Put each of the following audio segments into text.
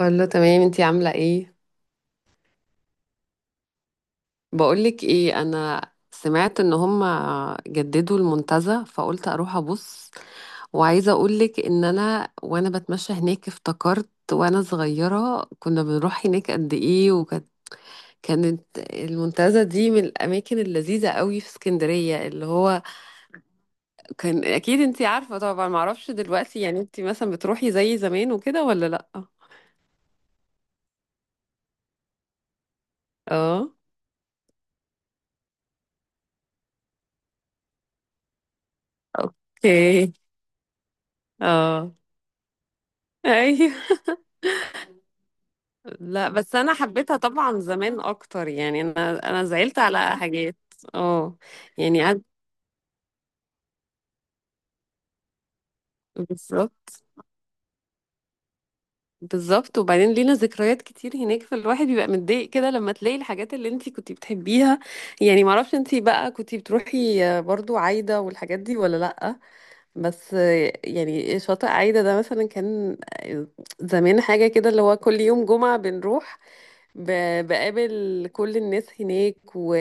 كله تمام، انتي عاملة ايه؟ بقولك ايه، انا سمعت ان هما جددوا المنتزه، فقلت اروح ابص. وعايزة اقولك ان انا، وانا بتمشى هناك، افتكرت وانا صغيرة كنا بنروح هناك قد ايه. وكانت المنتزه دي من الاماكن اللذيذة قوي في اسكندرية. اللي هو كان، اكيد انتي عارفة طبعا، معرفش دلوقتي، يعني انتي مثلا بتروحي زي زمان وكده ولا لا؟ اه. اوكي. اه. ايوه. لا، بس انا حبيتها طبعا زمان اكتر، يعني انا زعلت على حاجات. اه. يعني قعد. بالظبط. بالظبط. وبعدين لينا ذكريات كتير هناك، فالواحد بيبقى متضايق كده لما تلاقي الحاجات اللي انتي كنتي بتحبيها. يعني معرفش انتي بقى كنتي بتروحي برضو عايدة والحاجات دي ولا لأ. بس يعني شاطئ عايدة ده مثلا كان زمان حاجة كده، اللي هو كل يوم جمعة بنروح، بقابل كل الناس هناك،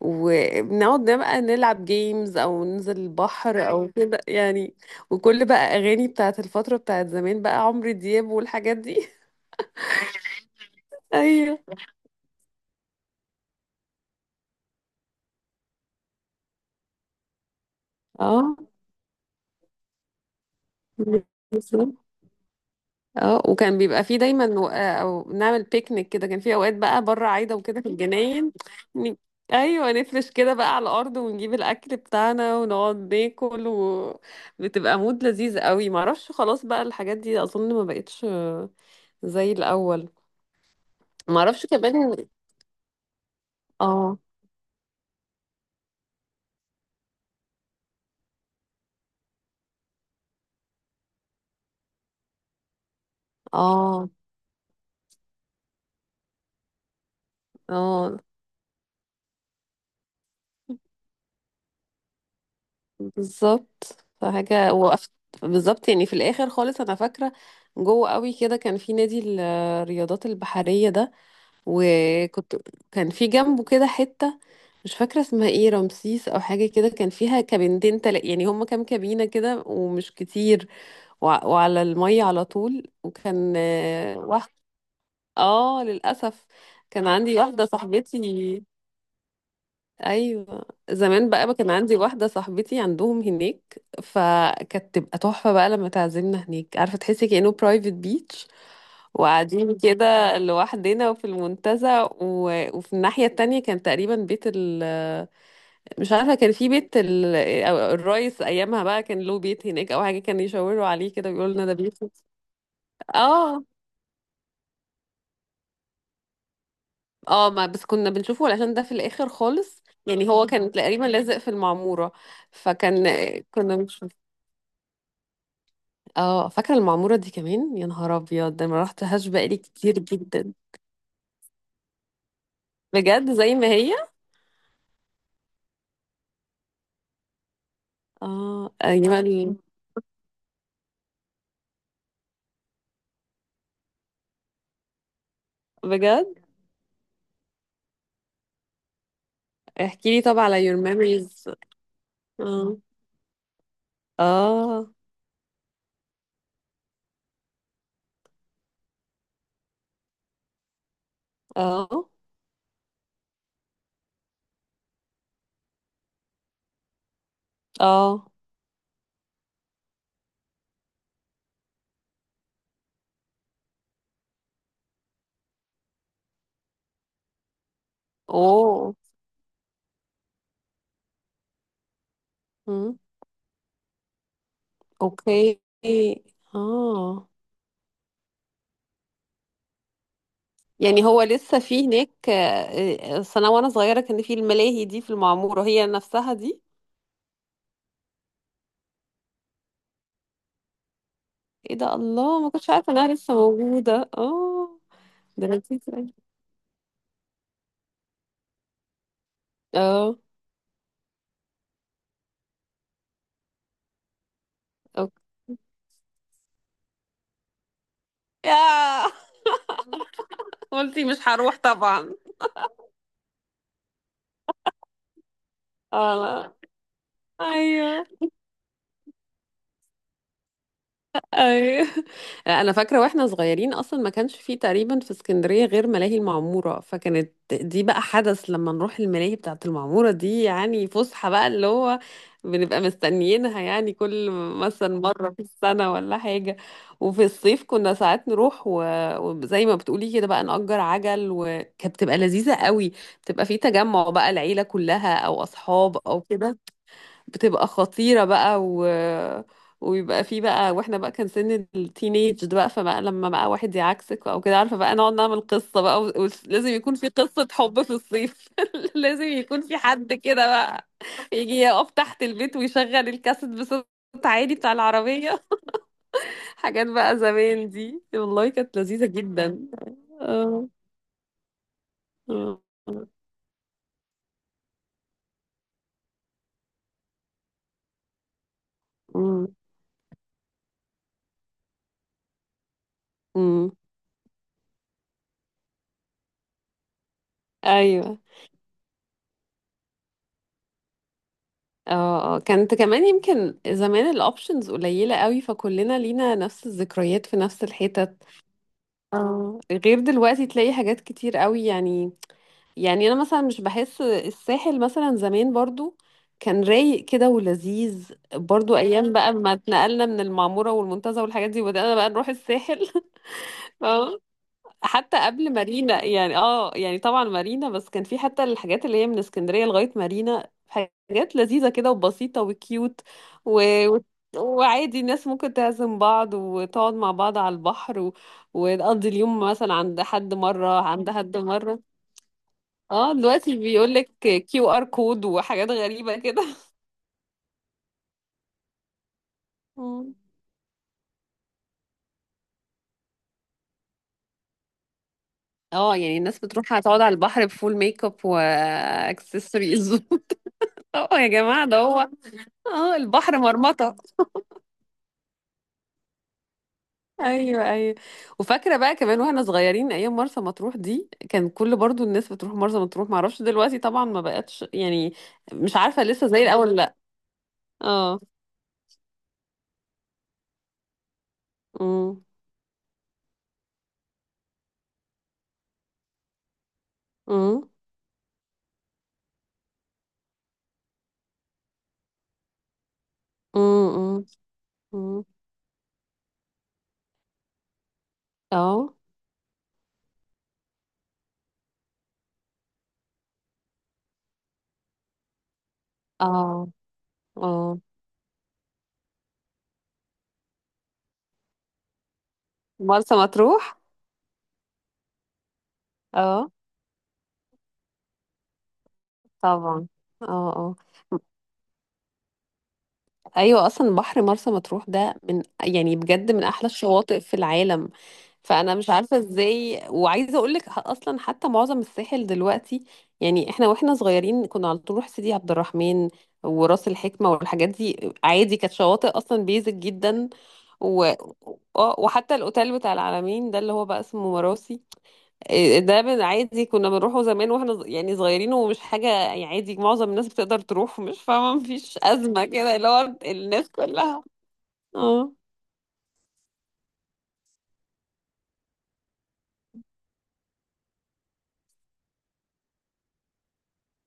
وبنقعد بقى نلعب جيمز او ننزل البحر، او أيوة، كده يعني. وكل بقى اغاني بتاعت الفترة بتاعت زمان، بقى عمرو دياب والحاجات دي. ايوه. اه. اه. وكان بيبقى فيه دايما، و... آه، او نعمل بيكنيك كده، كان في اوقات بقى بره عايده وكده في الجناين. ن- ايوه، نفرش كده بقى على الارض ونجيب الاكل بتاعنا ونقعد ناكل، وبتبقى مود لذيذ قوي. معرفش، خلاص بقى الحاجات دي اظن ما بقتش زي الاول. معرفش كمان. اه. اه. اه. بالظبط. فحاجه وقفت. بالظبط، يعني في الاخر خالص انا فاكره جوه قوي كده كان في نادي الرياضات البحريه ده. وكنت كان في جنبه كده حتة مش فاكرة اسمها ايه، رمسيس او حاجة كده، كان فيها كابينتين، يعني هما كام كابينة كده، ومش كتير، وعلى المية على طول. وكان واحد. اه، للأسف. كان عندي واحدة صاحبتي. ايوه، زمان بقى كان عندي واحدة صاحبتي عندهم هناك، فكانت تبقى تحفة بقى لما تعزمنا هناك. عارفة، تحسي كأنه برايفت بيتش وقاعدين كده لوحدنا وفي المنتزه. و... وفي الناحية التانية كان تقريبا بيت ال مش عارفة كان في أو الرئيس أيامها بقى كان له بيت هناك أو حاجة، كان يشاوروا عليه كده بيقولوا لنا ده بيت. اه. اه، ما بس كنا بنشوفه علشان ده في الآخر خالص، يعني هو كان تقريبا لازق في المعمورة. فكان كنا بنشوف. اه، فاكرة المعمورة دي كمان، يا نهار أبيض، ده ما رحتهاش بقالي كتير جدا. بجد زي ما هي. اه. بجد، احكي لي طبعا على your memories. اه. اه. اه. اه. اوه. مم. اوكي. اه، يعني هو لسه في هناك؟ أصل انا وانا صغيره كان في الملاهي دي في المعموره هي نفسها دي. ايه ده، الله، ما كنتش عارفه انها لسه موجوده. اه. ده لذيذ أوي. اه. اوكي. ياه. قلتي مش هروح طبعا. اه. لا. ايوه. أيوة. انا فاكره واحنا صغيرين اصلا ما كانش فيه تقريبا في اسكندريه غير ملاهي المعموره، فكانت دي بقى حدث لما نروح الملاهي بتاعه المعموره دي، يعني فسحه بقى اللي هو بنبقى مستنيينها، يعني كل مثلا مره في السنه ولا حاجه. وفي الصيف كنا ساعات نروح، وزي ما بتقولي كده بقى نأجر عجل، وكانت بتبقى لذيذه قوي. بتبقى في تجمع بقى العيله كلها او اصحاب او كده. بتبقى خطيرة بقى. و... ويبقى في بقى، واحنا بقى كان سن التينيج ده بقى، فبقى لما بقى واحد يعكسك او كده عارفة، بقى نقعد نعمل قصة بقى. و... ولازم يكون في قصة حب في الصيف. لازم يكون في حد كده بقى يجي يقف تحت البيت ويشغل الكاسيت بصوت عالي بتاع العربية. حاجات بقى زمان دي والله كانت لذيذة جدا. آه. آه. آه. آه. آه. ايوه. اه. كانت كمان يمكن زمان الاوبشنز قليلة قوي، فكلنا لينا نفس الذكريات في نفس الحتت. اه، غير دلوقتي تلاقي حاجات كتير قوي يعني. يعني انا مثلا مش بحس الساحل مثلا زمان برضو كان رايق كده ولذيذ. برضو ايام بقى ما اتنقلنا من المعمورة والمنتزه والحاجات دي، وبدأنا بقى نروح الساحل. حتى قبل مارينا، يعني، اه، يعني طبعا مارينا، بس كان في حتى الحاجات اللي هي من اسكندرية لغاية مارينا، حاجات لذيذة كده وبسيطة وكيوت. و... و... وعادي الناس ممكن تعزم بعض وتقعد مع بعض على البحر، و... وتقضي اليوم مثلا عند حد مرة عند حد مرة. اه، دلوقتي بيقولك QR code وحاجات غريبة كده. مم. اه، يعني الناس بتروح هتقعد على البحر بفول ميك اب واكسسوارز. اه، يا جماعة ده هو. اه، البحر مرمطة. ايوه. ايوه. وفاكره بقى كمان واحنا صغيرين ايام مرسى مطروح دي، كان كل برضو الناس بتروح مرسى مطروح. معرفش دلوقتي طبعا، ما بقتش يعني. مش عارفه لسه زي الاول، لا. اه. امم. امم. امم. امم. اه. اه. اه. مرسى مطروح. اه، طبعا. اه. اه. ايوه، اصلا بحر مرسى مطروح ده من، يعني بجد، من احلى الشواطئ في العالم. فانا مش عارفه ازاي. وعايزه اقول لك اصلا حتى معظم الساحل دلوقتي، يعني احنا واحنا صغيرين كنا على طول نروح سيدي عبد الرحمن وراس الحكمه والحاجات دي عادي، كانت شواطئ اصلا بيزك جدا. و... آه، وحتى الاوتيل بتاع العلمين ده اللي هو بقى اسمه مراسي، إيه ده، عادي كنا بنروحه زمان واحنا يعني صغيرين، ومش حاجة يعني، عادي معظم الناس بتقدر تروح، مش فاهمة مفيش أزمة كده اللي هو الناس كلها. اه.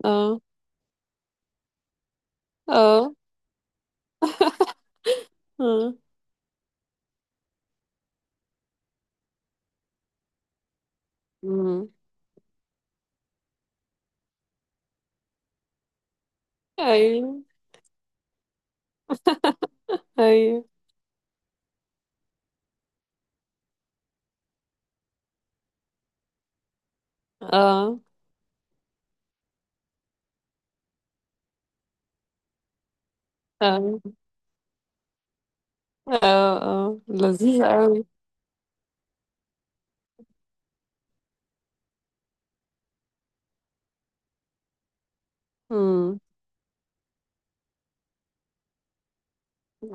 اه. اه. اه. أمم. ايوه. ايوه. اه. اه. اه. اه، لذيذ قوي. امم.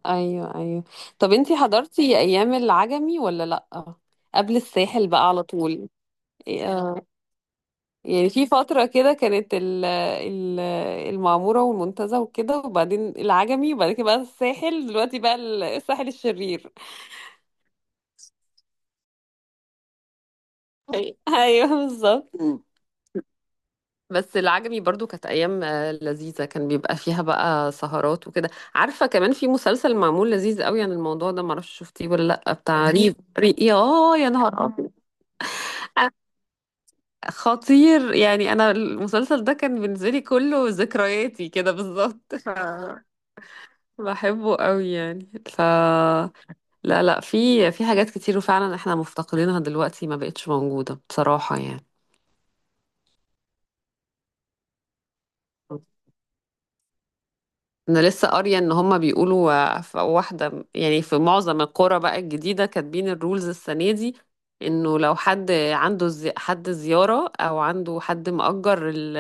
ايوه. ايوه. طب انتي حضرتي ايام العجمي ولا لأ؟ قبل الساحل بقى على طول. إيه، آه. يعني في فترة كده كانت ال ال المعمورة والمنتزه وكده، وبعدين العجمي، وبعد كده بقى الساحل، دلوقتي بقى الساحل الشرير. ايوه، بالظبط. بس العجمي برضو كانت ايام لذيذة، كان بيبقى فيها بقى سهرات وكده عارفة، كمان في مسلسل معمول لذيذ قوي عن الموضوع ده، معرفش شفتيه ولا لا، بتاع ريف يا، يا نهار ابيض، خطير. يعني انا المسلسل ده كان بالنسبة لي كله ذكرياتي كده بالظبط. ف... بحبه قوي يعني. لا، لا، في حاجات كتير، وفعلا احنا مفتقدينها دلوقتي ما بقتش موجودة بصراحة يعني. انا لسه قارية ان هما بيقولوا، في واحدة، يعني في معظم القرى بقى الجديدة كاتبين الرولز السنة دي انه لو حد عنده حد زيارة او عنده حد مأجر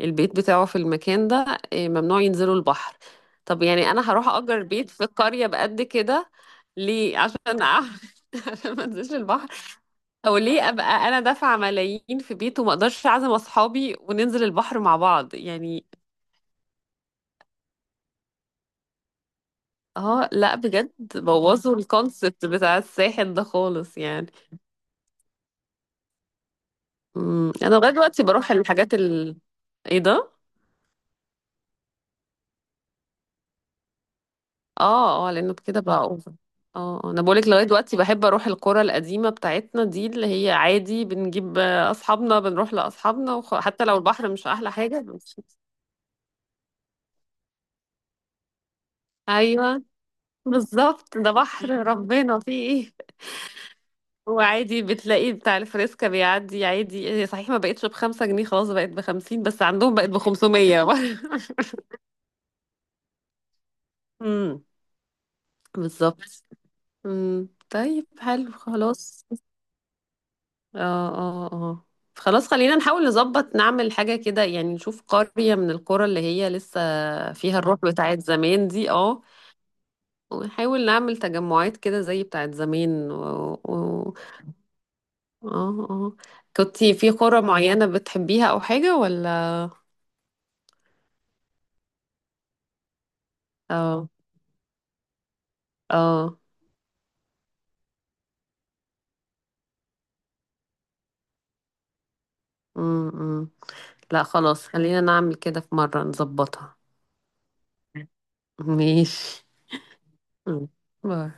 البيت بتاعه في المكان ده ممنوع ينزلوا البحر. طب يعني انا هروح اجر بيت في قرية بقد كده ليه؟ عشان أعمل؟ عشان ما انزلش البحر؟ او ليه ابقى انا دافعه ملايين في بيت وما اقدرش اعزم اصحابي وننزل البحر مع بعض يعني؟ اه، لا، بجد بوظوا الكونسبت بتاع الساحل ده خالص يعني. امم، انا لغايه دلوقتي بروح الحاجات. ايه ده. اه. اه، لانه كده بقى اوفر. اه، انا بقولك لغايه دلوقتي بحب اروح القرى القديمه بتاعتنا دي اللي هي عادي، بنجيب اصحابنا، بنروح لاصحابنا، حتى لو البحر مش احلى حاجه بنمشي. ايوه بالظبط، ده بحر ربنا، فيه ايه؟ هو عادي بتلاقي بتاع الفريسكا بيعدي عادي، هي صحيح ما بقتش بـ5 جنيه، خلاص بقت بـ50، بس عندهم بقت بـ500. امم. بالظبط. امم. طيب، حلو، خلاص. اه. اه. اه. خلاص خلينا نحاول نظبط نعمل حاجة كده، يعني نشوف قرية من القرى اللي هي لسه فيها الروح بتاعت زمان دي. اه، ونحاول نعمل تجمعات كده زي بتاعت زمان. و... و... اه. اه. كنتي في قرى معينة بتحبيها أو حاجة ولا؟ اه. اه. امم. لا، خلاص، خلينا نعمل كده في مرة نظبطها. ماشي. مم. باي.